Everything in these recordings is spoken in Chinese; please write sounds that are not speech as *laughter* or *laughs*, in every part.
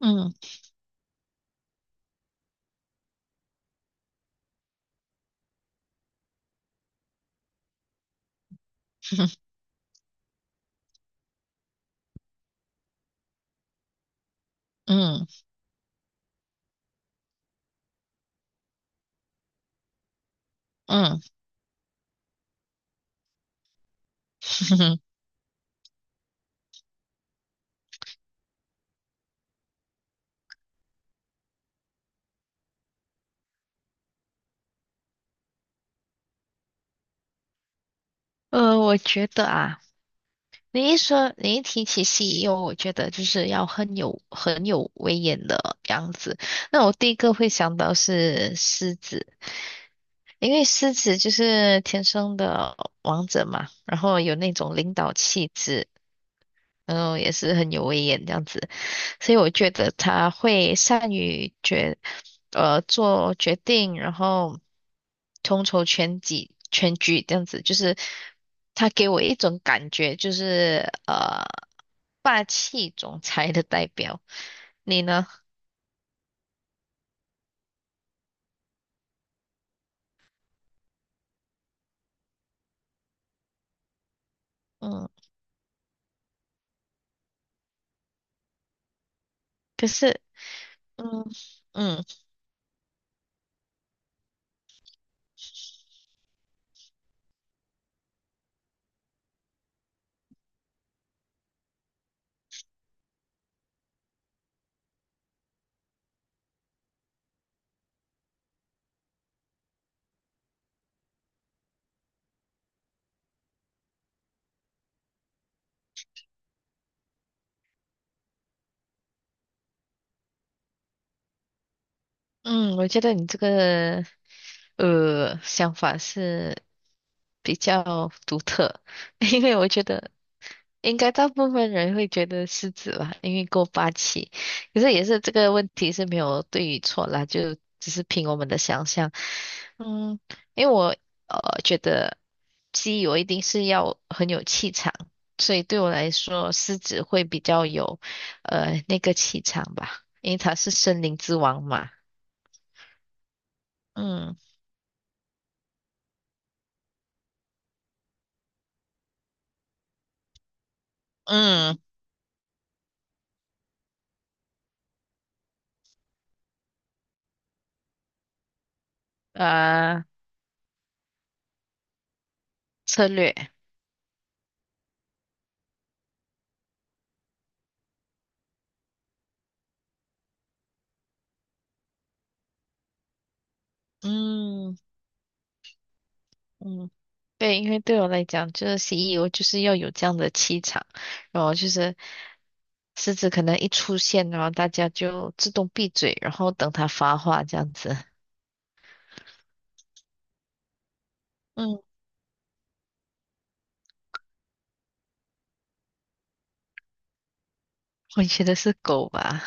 嗯 *laughs* 嗯嗯，*laughs* 我觉得啊，你一提起西游，我觉得就是要很有威严的样子。那我第一个会想到是狮子，因为狮子就是天生的王者嘛，然后有那种领导气质，然后也是很有威严这样子，所以我觉得他会善于决，呃，做决定，然后统筹全局这样子，就是他给我一种感觉，就是霸气总裁的代表。你呢？嗯，可是，嗯嗯嗯，我觉得你这个想法是比较独特，*laughs* 因为我觉得。应该大部分人会觉得狮子吧，因为够霸气。可是也是这个问题是没有对与错啦，就只是凭我们的想象。嗯，因为我觉得鸡我一定是要很有气场，所以对我来说狮子会比较有那个气场吧，因为它是森林之王嘛。嗯嗯，呃，策略，嗯。嗯，对，因为对我来讲，就是 CEO 就是要有这样的气场，然后就是狮子可能一出现，然后大家就自动闭嘴，然后等它发话这样子。嗯，*laughs* 我觉得是狗吧，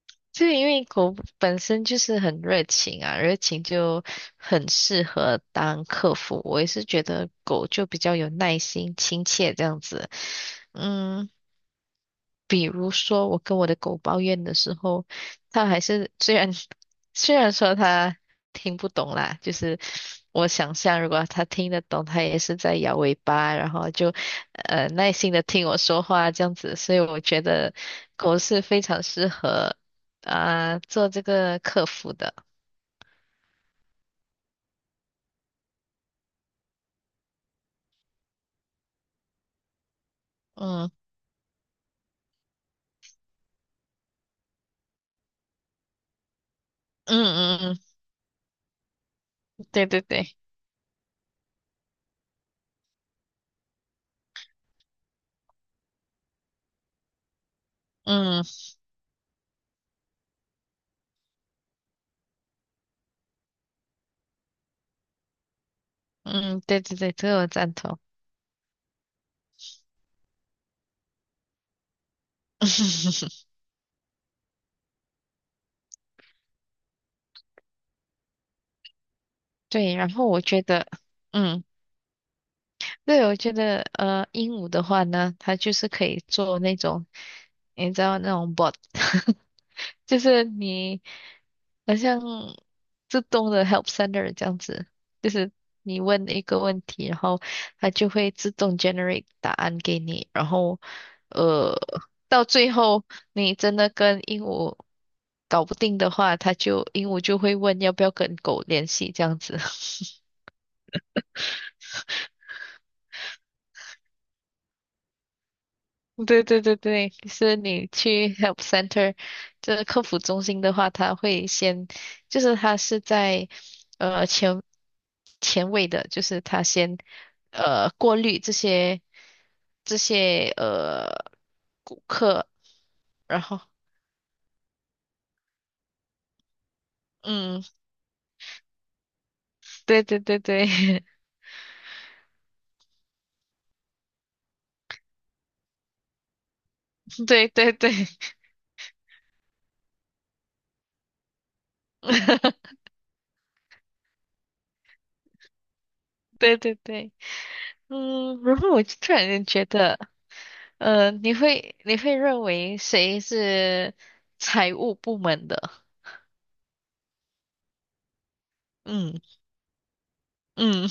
*laughs* 就因为狗本身就是很热情啊，热情就很适合当客服。我也是觉得狗就比较有耐心、亲切这样子。嗯。比如说，我跟我的狗抱怨的时候，它还是虽然说它听不懂啦，就是我想象如果它听得懂，它也是在摇尾巴，然后就耐心的听我说话这样子。所以我觉得狗是非常适合啊、做这个客服的。嗯嗯嗯嗯，对对对，嗯嗯对对对，这个我赞同。*laughs* 对，然后我觉得。嗯。对，我觉得鹦鹉的话呢，它就是可以做那种，你知道那种 bot，*laughs* 就是你好像自动的 help center 这样子，就是你问一个问题，然后它就会自动 generate 答案给你，然后呃，到最后你真的跟鹦鹉搞不定的话，它就鹦鹉就会问要不要跟狗联系这样子。*laughs* 对对对对，就是你去 Help Center 这个客服中心的话，他会先，就是他是在呃前前位的，就是他先过滤这些顾客，然后嗯，对对对对 *laughs* 对对对 *laughs* 对对对。嗯，然后我就突然间觉得，你会认为谁是财务部门的？嗯。嗯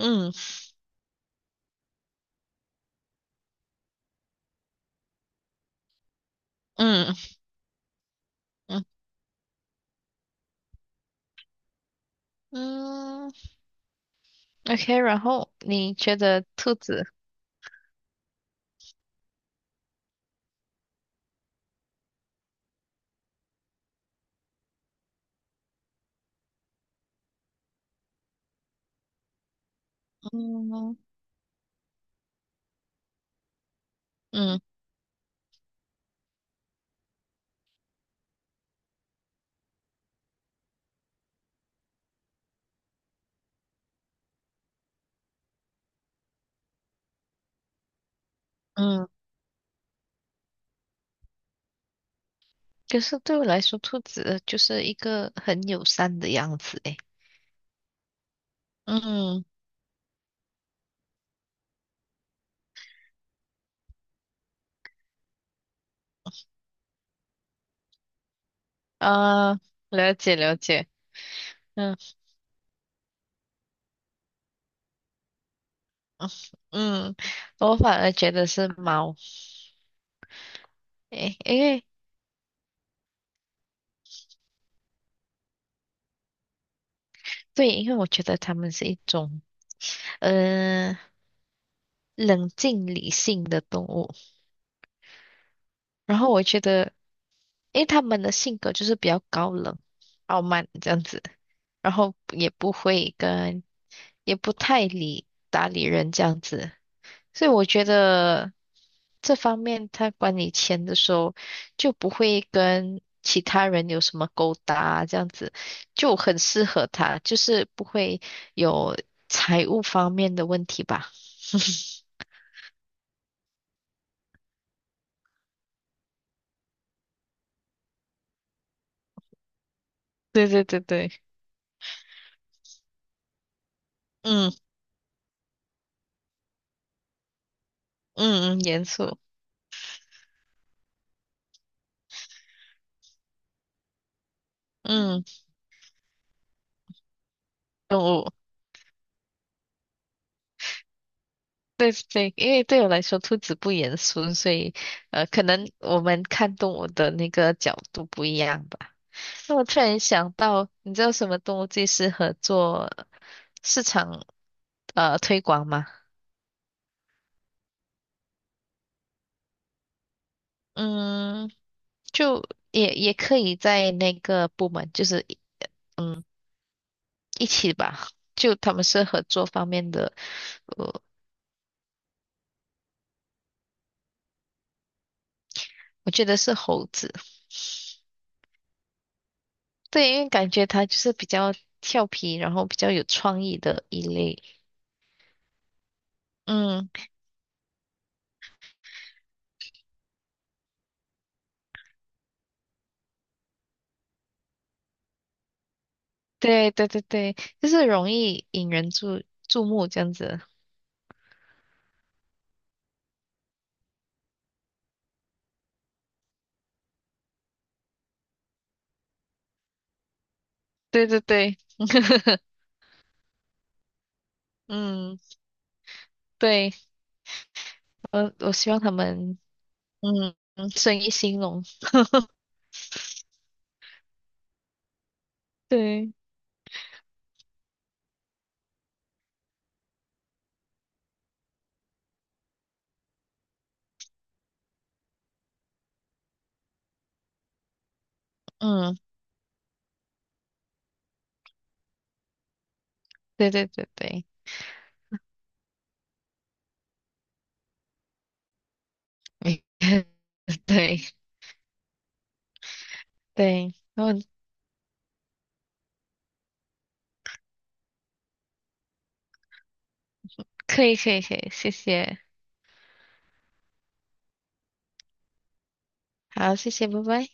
嗯嗯嗯嗯，OK。然后你觉得兔子，嗯嗯嗯，可是对我来说，兔子就是一个很友善的样子。诶，嗯啊，了解了解。嗯嗯，我反而觉得是猫。诶，因为对，因为我觉得它们是一种呃冷静理性的动物。然后我觉得。因为他们的性格就是比较高冷、傲慢这样子，然后也不会跟，也不太搭理人这样子，所以我觉得这方面他管理钱的时候就不会跟其他人有什么勾搭，这样子就很适合他，就是不会有财务方面的问题吧。对对对对，嗯嗯嗯，严肃，嗯，我对对，因为对我来说，兔子不严肃，所以可能我们看动物的那个角度不一样吧。那我突然想到，你知道什么动物最适合做市场推广吗？嗯，就也可以在那个部门，就是一起吧。就他们是合作方面的，呃，我觉得是猴子，对，因为感觉它就是比较调皮，然后比较有创意的一类。嗯。对对对对，就是容易引人注目这样子。对对对，*laughs* 嗯，对，我希望他们生意兴隆。对，嗯，对对对对，没 *laughs* 对对，然后可以可以可以，谢谢，好，谢谢，拜拜。